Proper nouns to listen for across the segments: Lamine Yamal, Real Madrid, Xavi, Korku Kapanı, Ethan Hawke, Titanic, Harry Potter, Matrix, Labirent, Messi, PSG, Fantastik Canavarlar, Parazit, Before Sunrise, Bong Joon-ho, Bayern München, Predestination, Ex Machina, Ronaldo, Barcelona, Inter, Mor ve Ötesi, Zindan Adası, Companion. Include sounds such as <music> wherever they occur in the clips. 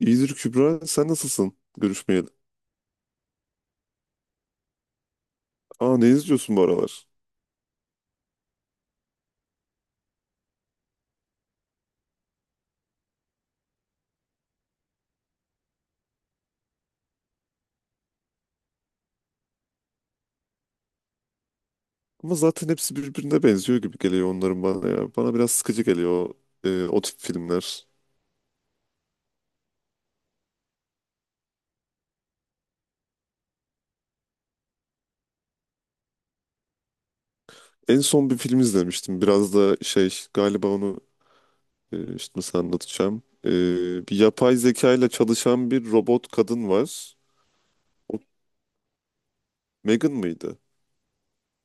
İyidir Kübra. Sen nasılsın? Görüşmeyeli. Aa, ne izliyorsun bu aralar? Ama zaten hepsi birbirine benziyor gibi geliyor onların bana ya. Bana biraz sıkıcı geliyor o tip filmler. En son bir film izlemiştim. Biraz da şey galiba işte nasıl anlatacağım. Bir yapay zeka ile çalışan bir robot kadın var. O Megan mıydı?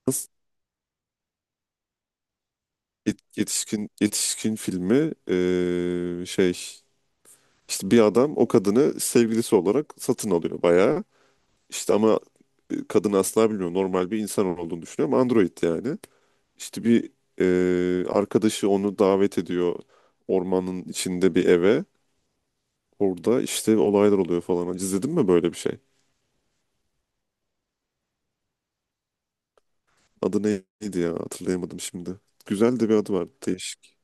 Nasıl? Yetişkin yetişkin filmi şey, işte bir adam o kadını sevgilisi olarak satın alıyor bayağı. İşte ama kadın asla bilmiyor. Normal bir insan olduğunu düşünüyor ama android yani. İşte arkadaşı onu davet ediyor ormanın içinde bir eve. Orada işte olaylar oluyor falan. Hiç İzledin mi böyle bir şey? Adı neydi ya? Hatırlayamadım şimdi. Güzel de bir adı var. Değişik.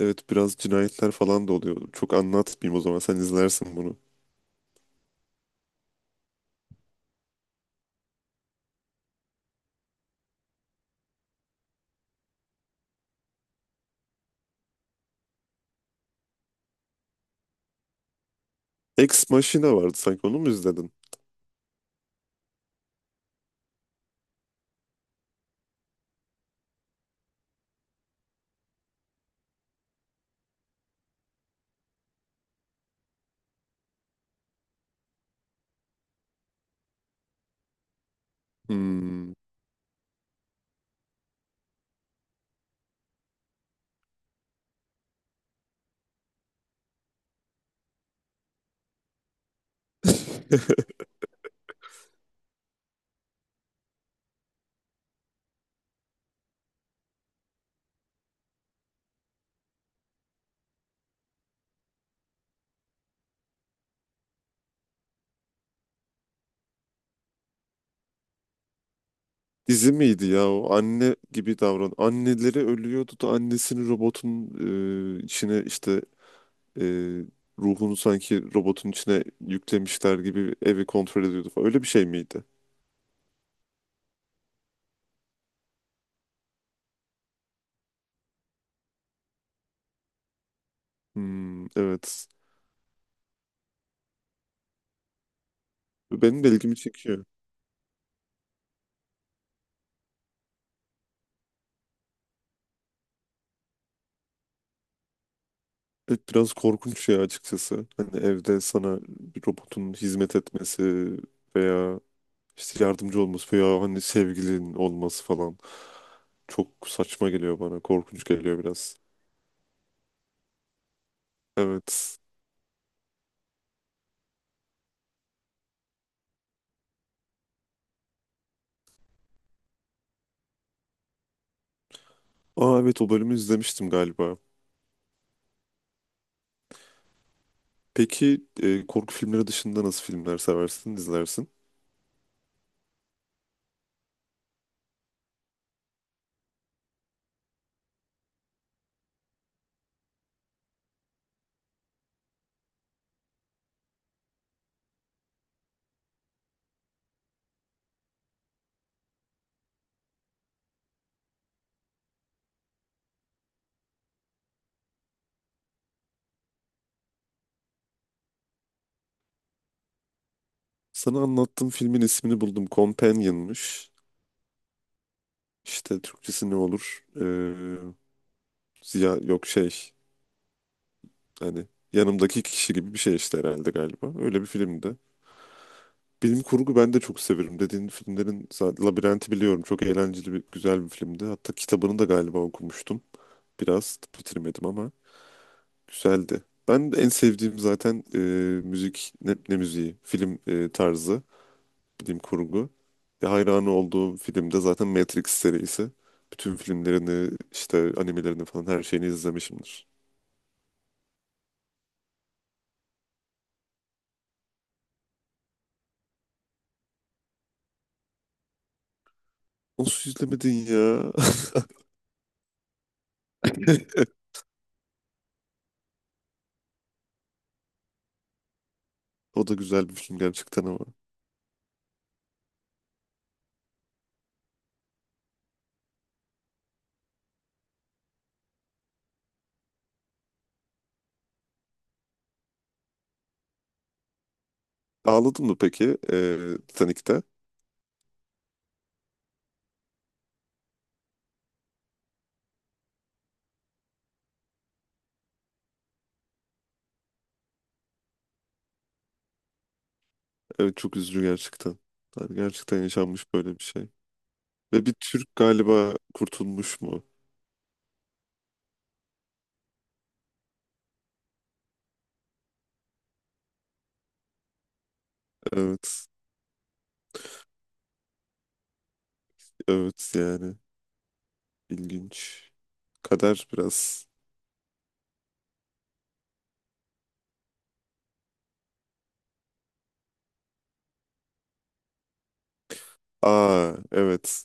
Evet, biraz cinayetler falan da oluyor. Çok anlatmayayım o zaman. Sen izlersin bunu. Ex Machina vardı sanki. Onu mu izledin? Hmm. <laughs> Dizi miydi ya o anne gibi davran. Anneleri ölüyordu da annesini robotun içine, e, ruhunu sanki robotun içine yüklemişler gibi evi kontrol ediyordu falan. Öyle bir şey miydi? Hmm, evet. Benim de ilgimi çekiyor. Evet, biraz korkunç ya açıkçası. Hani evde sana bir robotun hizmet etmesi veya işte yardımcı olması veya hani sevgilin olması falan çok saçma geliyor bana. Korkunç geliyor biraz. Evet. Aa evet, o bölümü izlemiştim galiba. Peki korku filmleri dışında nasıl filmler seversin, izlersin? Sana anlattığım filmin ismini buldum. Companion'mış. İşte Türkçesi ne olur? Ziya yok şey, hani yanımdaki kişi gibi bir şey işte herhalde galiba. Öyle bir filmdi. Bilim kurgu ben de çok severim. Dediğin filmlerin zaten Labirenti biliyorum. Çok eğlenceli bir güzel bir filmdi. Hatta kitabını da galiba okumuştum. Biraz bitirmedim ama güzeldi. Ben de en sevdiğim zaten müzik ne, ne müziği? Film tarzı, bilim kurgu. Ve hayranı olduğum film de zaten Matrix serisi. Bütün filmlerini, işte animelerini falan her şeyini izlemişimdir. Nasıl izlemedin ya? <laughs> O da güzel bir film gerçekten ama. Ağladın mı peki Titanic'te? Evet, çok üzücü gerçekten. Yani gerçekten yaşanmış böyle bir şey. Ve bir Türk galiba kurtulmuş mu? Evet. Evet yani. İlginç. Kader biraz. Aa evet.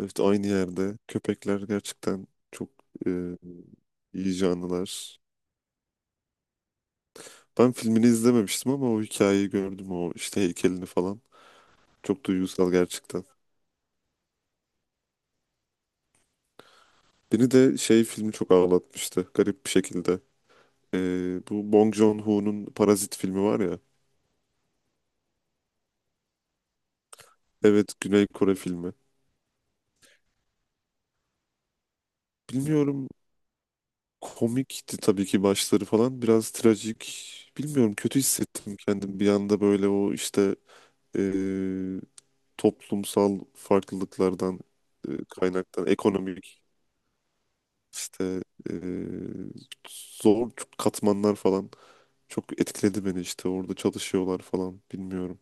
Evet, aynı yerde. Köpekler gerçekten çok e, iyi canlılar. Ben filmini izlememiştim ama o hikayeyi gördüm. O işte heykelini falan. Çok duygusal gerçekten. Beni de şey filmi çok ağlatmıştı. Garip bir şekilde. E, Bu Bong Joon-ho'nun Parazit filmi var ya. Evet, Güney Kore filmi. Bilmiyorum, komikti tabii ki başları falan. Biraz trajik. Bilmiyorum, kötü hissettim kendim bir anda böyle o işte e, toplumsal farklılıklardan kaynaklanan ekonomik işte e, zor katmanlar falan çok etkiledi beni işte orada çalışıyorlar falan bilmiyorum.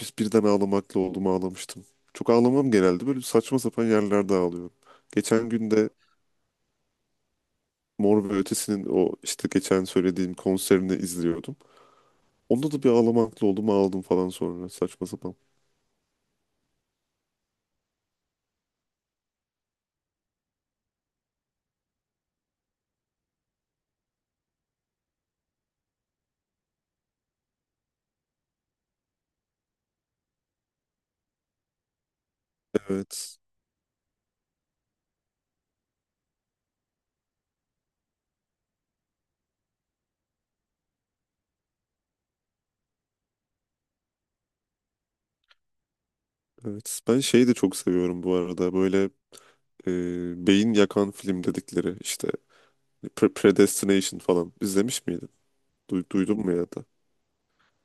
Biz birden ağlamakla oldum ağlamıştım. Çok ağlamam, genelde böyle saçma sapan yerlerde ağlıyorum. Geçen gün de Mor ve Ötesi'nin o işte geçen söylediğim konserini izliyordum. Onda da bir ağlamaklı oldum ağladım falan sonra saçma sapan. Evet. Evet. Ben şeyi de çok seviyorum bu arada. Böyle e, beyin yakan film dedikleri işte, Predestination falan izlemiş miydin? Duydun mu ya da?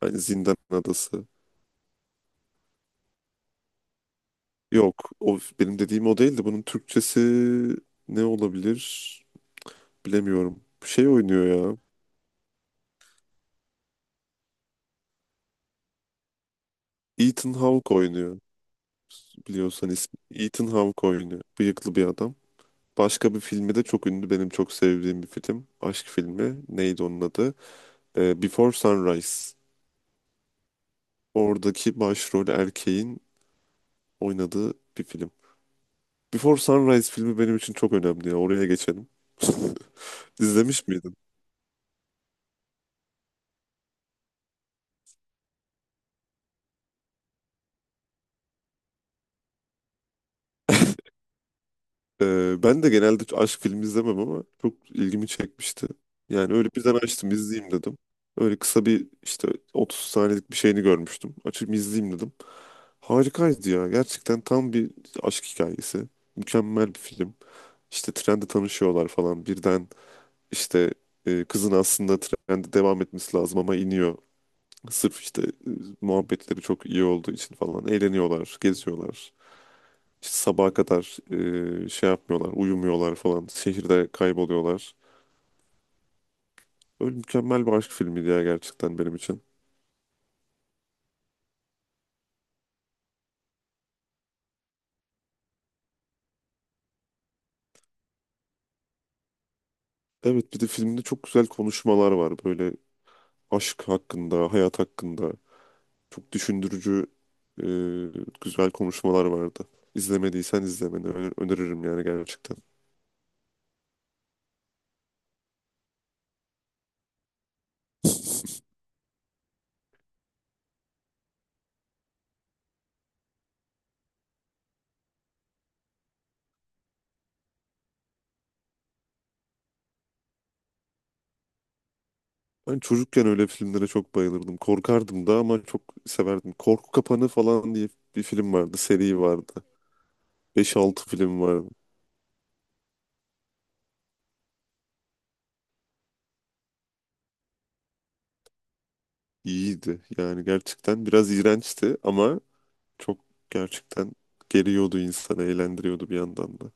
Hani Zindan Adası. Yok, o benim dediğim o değildi. Bunun Türkçesi ne olabilir bilemiyorum. Şey oynuyor ya. Ethan Hawke oynuyor. Biliyorsan ismi. Ethan Hawke oynuyor. Bıyıklı bir adam. Başka bir filmi de çok ünlü. Benim çok sevdiğim bir film. Aşk filmi. Neydi onun adı? Before Sunrise. Oradaki başrol erkeğin oynadığı bir film. Before Sunrise filmi benim için çok önemli ya. Oraya geçelim. <laughs> İzlemiş miydin? Ben de genelde aşk filmi izlemem ama çok ilgimi çekmişti. Yani öyle birden açtım izleyeyim dedim. Öyle kısa bir işte 30 saniyelik bir şeyini görmüştüm. Açıp izleyeyim dedim. Harikaydı ya. Gerçekten tam bir aşk hikayesi. Mükemmel bir film. İşte trende tanışıyorlar falan. Birden işte kızın aslında trende devam etmesi lazım ama iniyor. Sırf işte muhabbetleri çok iyi olduğu için falan eğleniyorlar, geziyorlar. İşte sabaha kadar şey yapmıyorlar, uyumuyorlar falan. Şehirde kayboluyorlar. Öyle mükemmel bir aşk filmiydi ya gerçekten benim için. Evet, bir de filmde çok güzel konuşmalar var. Böyle aşk hakkında, hayat hakkında. Çok düşündürücü, e, güzel konuşmalar vardı. İzlemediysen izlemeni öneririm yani gerçekten. <laughs> Ben çocukken öyle filmlere çok bayılırdım. Korkardım da ama çok severdim. Korku Kapanı falan diye bir film vardı. Seri vardı. Beş altı film vardı. İyiydi. Yani gerçekten biraz iğrençti ama çok gerçekten geliyordu insanı, eğlendiriyordu bir yandan da.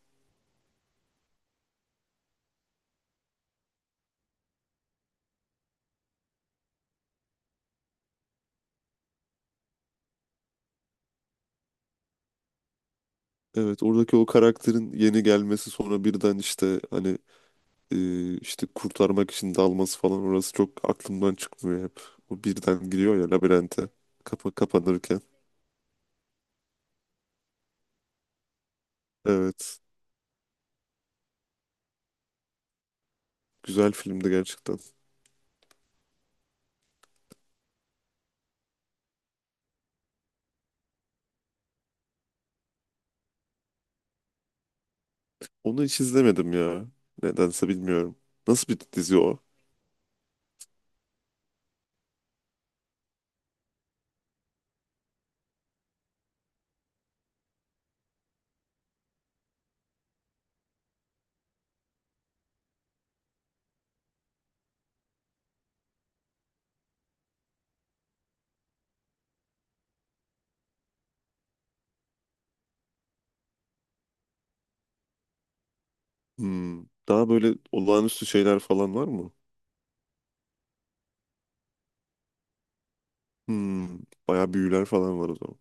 Evet, oradaki o karakterin yeni gelmesi sonra birden işte hani işte kurtarmak için dalması falan orası çok aklımdan çıkmıyor hep. O birden giriyor ya labirente kapanırken. Evet, güzel filmdi gerçekten. Onu hiç izlemedim ya. Nedense bilmiyorum. Nasıl bir dizi o? Hmm. Daha böyle olağanüstü şeyler falan var mı? Hmm. Bayağı büyüler falan var o zaman.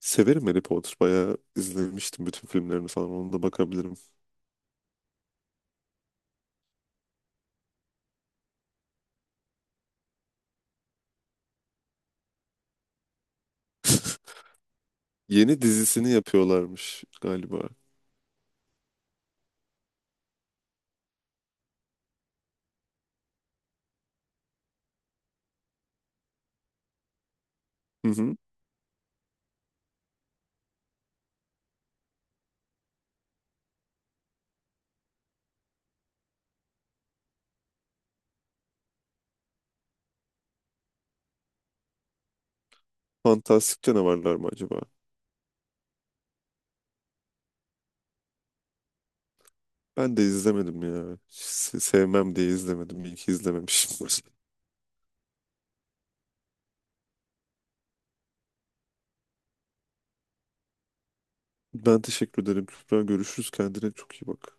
Severim Harry Potter. Bayağı izlemiştim bütün filmlerini falan. Onu da bakabilirim. <laughs> Yeni dizisini yapıyorlarmış galiba. Hı hı. Fantastik Canavarlar mı acaba? Ben de izlemedim ya. Sevmem diye izlemedim. İyi ki izlememişim. <laughs> Ben teşekkür ederim. Kübra, görüşürüz. Kendine çok iyi bak.